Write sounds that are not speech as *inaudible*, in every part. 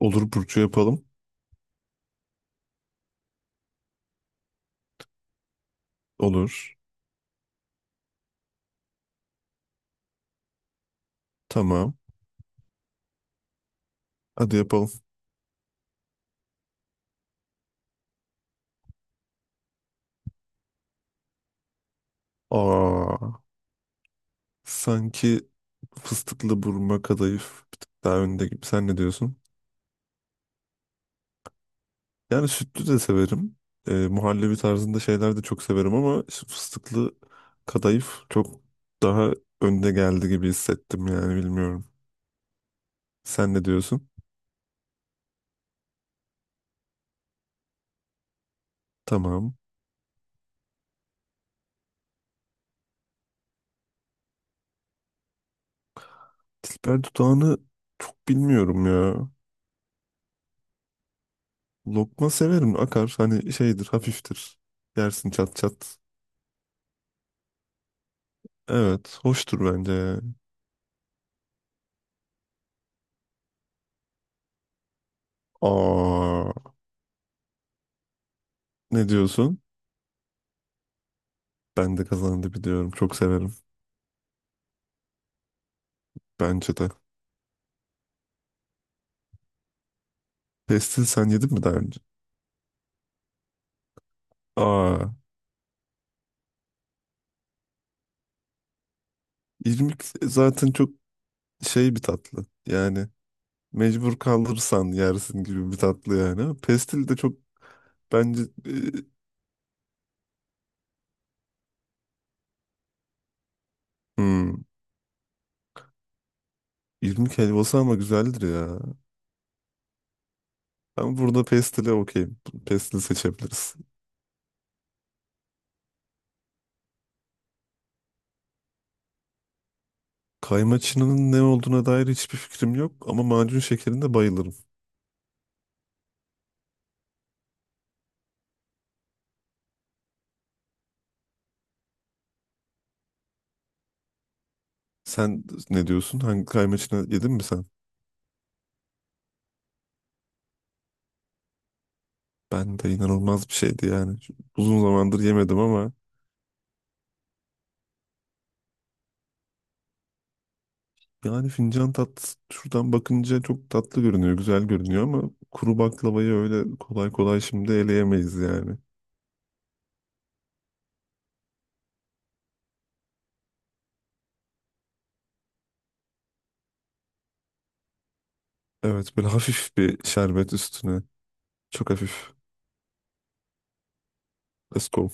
Olur Burcu yapalım. Olur. Tamam. Hadi yapalım. Aa, Sanki fıstıklı burma kadayıf bir tık daha önde gibi. Sen ne diyorsun? Yani sütlü de severim. Muhallebi tarzında şeyler de çok severim ama şu fıstıklı kadayıf çok daha önde geldi gibi hissettim yani bilmiyorum. Sen ne diyorsun? Tamam. Dilber dudağını çok bilmiyorum ya. Lokma severim, akar hani, şeydir, hafiftir. Yersin çat çat. Evet, hoştur bence. Aa, Ne diyorsun? Ben de kazandı biliyorum. Çok severim. Bence de. Pestil sen yedin mi daha önce? Aa, irmik zaten çok şey bir tatlı. Yani mecbur kalırsan yersin gibi bir tatlı yani. Ama pestil de çok bence hmm, irmik helvası ama güzeldir ya. Ben burada pestile okeyim. Pestil seçebiliriz. Kaymaçının ne olduğuna dair hiçbir fikrim yok ama macun şekerinde bayılırım. Sen ne diyorsun? Hangi kay yedin mi sen? Ben de, inanılmaz bir şeydi yani. Uzun zamandır yemedim ama yani fincan tat şuradan bakınca çok tatlı görünüyor, güzel görünüyor ama kuru baklavayı öyle kolay kolay şimdi eleyemeyiz yani. Evet, böyle hafif bir şerbet üstüne. Çok hafif. Let's go.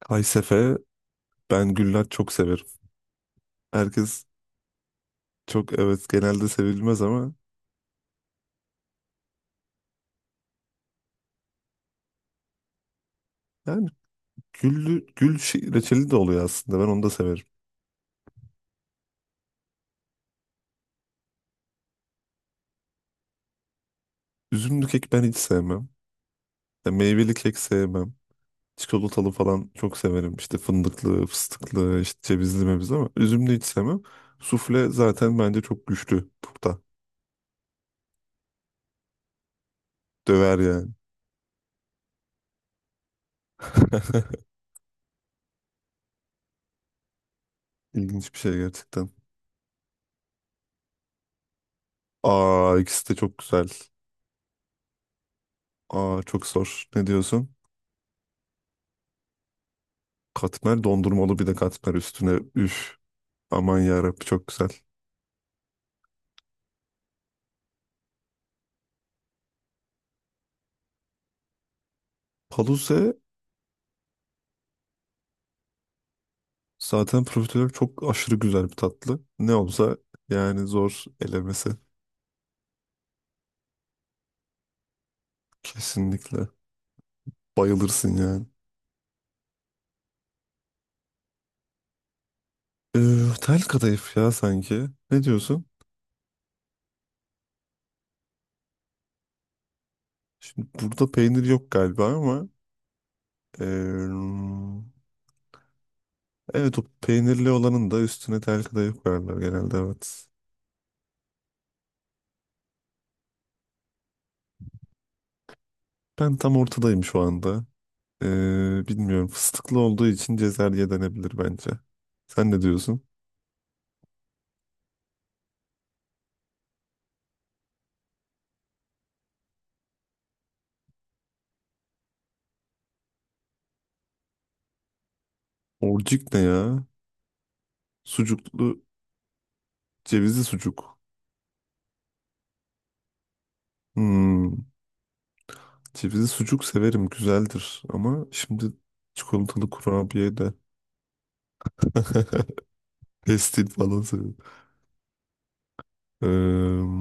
Kaysefe, ben güller çok severim. Herkes çok, evet, genelde sevilmez ama yani güllü, reçeli de oluyor aslında. Ben onu da severim. Üzümlü kek ben hiç sevmem. Ya meyveli kek sevmem. Çikolatalı falan çok severim. İşte fındıklı, fıstıklı, işte cevizli mevzu ama üzümlü hiç sevmem. Sufle zaten bence çok güçlü burada. Döver yani. *laughs* İlginç bir şey gerçekten. Aa, ikisi de çok güzel. Aa, çok zor. Ne diyorsun? Katmer, dondurmalı bir de katmer üstüne. Üf. Aman yarabbi, çok güzel. Paluze zaten profiterol çok aşırı güzel bir tatlı. Ne olsa yani, zor elemesi. Kesinlikle. Bayılırsın yani. Ee, Tel kadayıf ya sanki. Ne diyorsun? Şimdi burada peynir yok galiba ama ee, evet, o peynirli olanın da üstüne tel kadayıf koyarlar genelde, evet. Ben tam ortadayım şu anda. Bilmiyorum, fıstıklı olduğu için cezerye denebilir bence. Sen ne diyorsun? Orcik ne ya? Sucuklu, cevizli sucuk. Hmm, cevizli sucuk severim, güzeldir ama şimdi çikolatalı kurabiye de *laughs* pestil falan… Eee,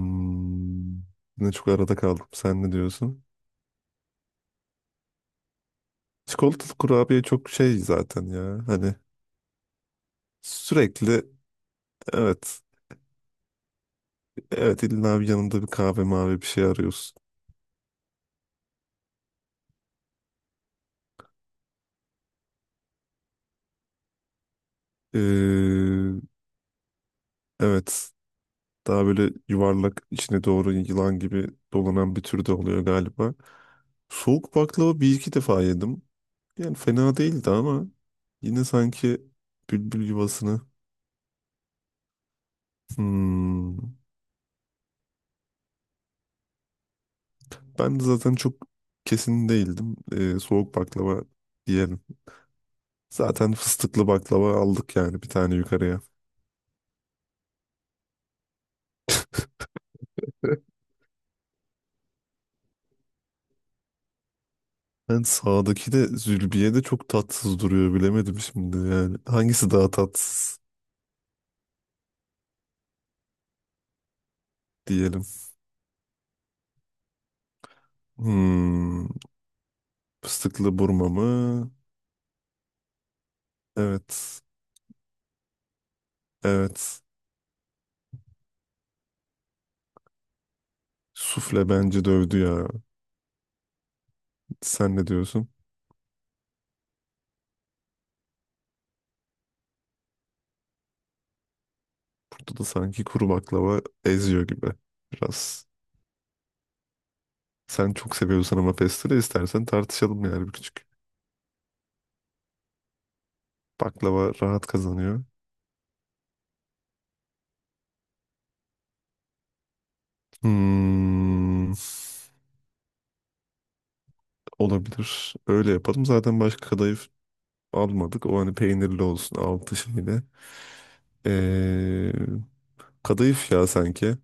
Yine çok arada kaldım. Sen ne diyorsun? Çikolatalı kurabiye çok şey zaten ya. Hani sürekli, evet. Evet, illa bir yanında bir kahve mavi bir şey arıyorsun. Eee, evet. Daha böyle yuvarlak, içine doğru yılan gibi dolanan bir tür de oluyor galiba. Soğuk baklava bir iki defa yedim. Yani fena değildi ama yine sanki bülbül yuvasını. Hmm. Ben de zaten çok kesin değildim. Soğuk baklava diyelim. Zaten fıstıklı baklava aldık yani bir tane yukarıya. *laughs* Ben sağdaki de, Zülbiye de çok tatsız duruyor, bilemedim şimdi yani. Hangisi daha tatsız diyelim. Hmm, fıstıklı burma mı? Evet. Evet. Sufle bence dövdü ya. Sen ne diyorsun? Burada da sanki kuru baklava eziyor gibi biraz. Sen çok seviyorsan ama pestire, istersen tartışalım yani bir küçük. Baklava rahat kazanıyor. Hmm, olabilir. Öyle yapalım. Zaten başka kadayıf almadık. O hani peynirli olsun altı şeyle. Ee, Kadayıf ya sanki.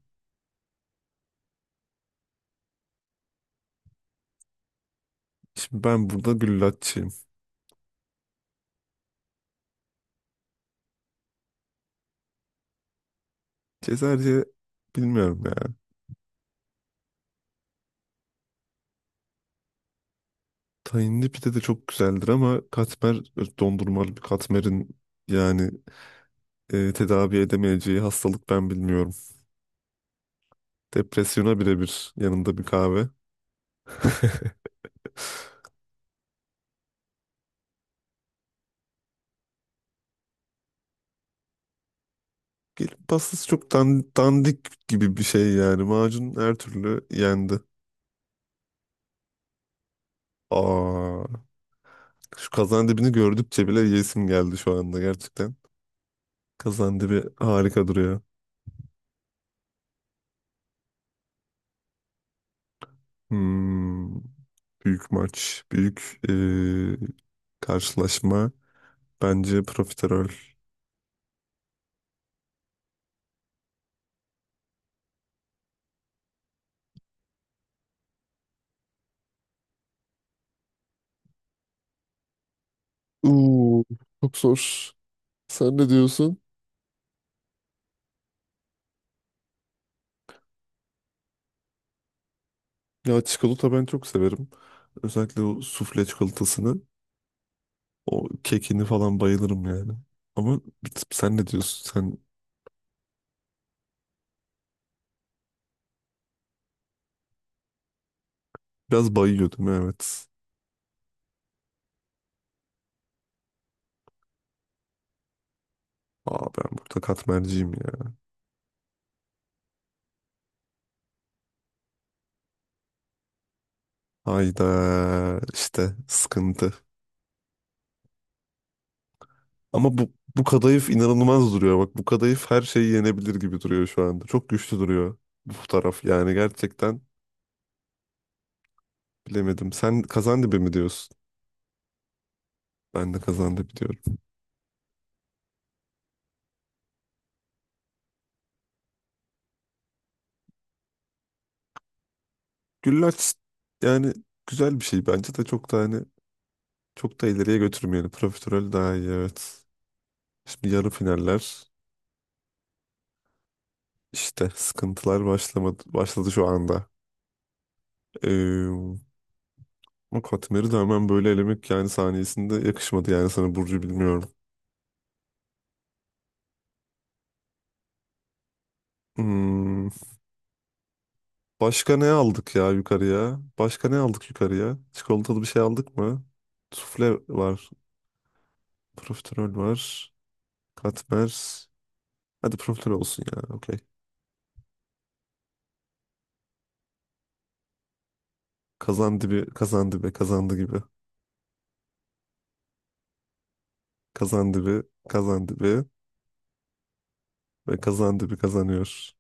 Şimdi ben burada güllaççıyım. Cezerce bilmiyorum ya. Tahinli pide de çok güzeldir ama katmer, dondurmalı bir katmerin yani tedavi edemeyeceği hastalık ben bilmiyorum. Depresyona birebir, yanında bir kahve. Gelip pastası çok dandik gibi bir şey yani. Macun her türlü yendi. Aa, Şu kazan dibini gördükçe bile yesim geldi şu anda gerçekten. Kazan dibi harika duruyor. Hmm, büyük maç, büyük karşılaşma. Bence profiterol. Oo, çok zor. Sen ne diyorsun? Ya çikolata ben çok severim. Özellikle o sufle çikolatasını, o kekini falan bayılırım yani. Sen ne diyorsun? Sen biraz bayıyordun, evet. Aa, ben burada katmerciyim ya. Hayda, işte sıkıntı. Ama bu kadayıf inanılmaz duruyor. Bak, bu kadayıf her şeyi yenebilir gibi duruyor şu anda. Çok güçlü duruyor bu taraf. Yani gerçekten bilemedim. Sen kazandibi mi diyorsun? Ben de kazandibi diyorum. Güllaç yani güzel bir şey bence de, çok tane. Çok da ileriye götürmeyelim. Profiterol daha iyi, evet. Şimdi yarı finaller, işte sıkıntılar başladı şu anda. Ee, O katmeri de hemen böyle elemek yani saniyesinde yakışmadı yani sana Burcu, bilmiyorum. Hmm, başka ne aldık ya yukarıya? Başka ne aldık yukarıya? Çikolatalı bir şey aldık mı? Sufle var. Profiterol var. Katmer. Hadi profiterol olsun ya. Okey. Kazandibi, kazandibi, kazandı gibi. Kazandibi, kazandibi. Ve kazandibi kazanıyor.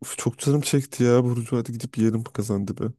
Uf, çok canım çekti ya Burcu. Hadi gidip yiyelim bu kazandibi.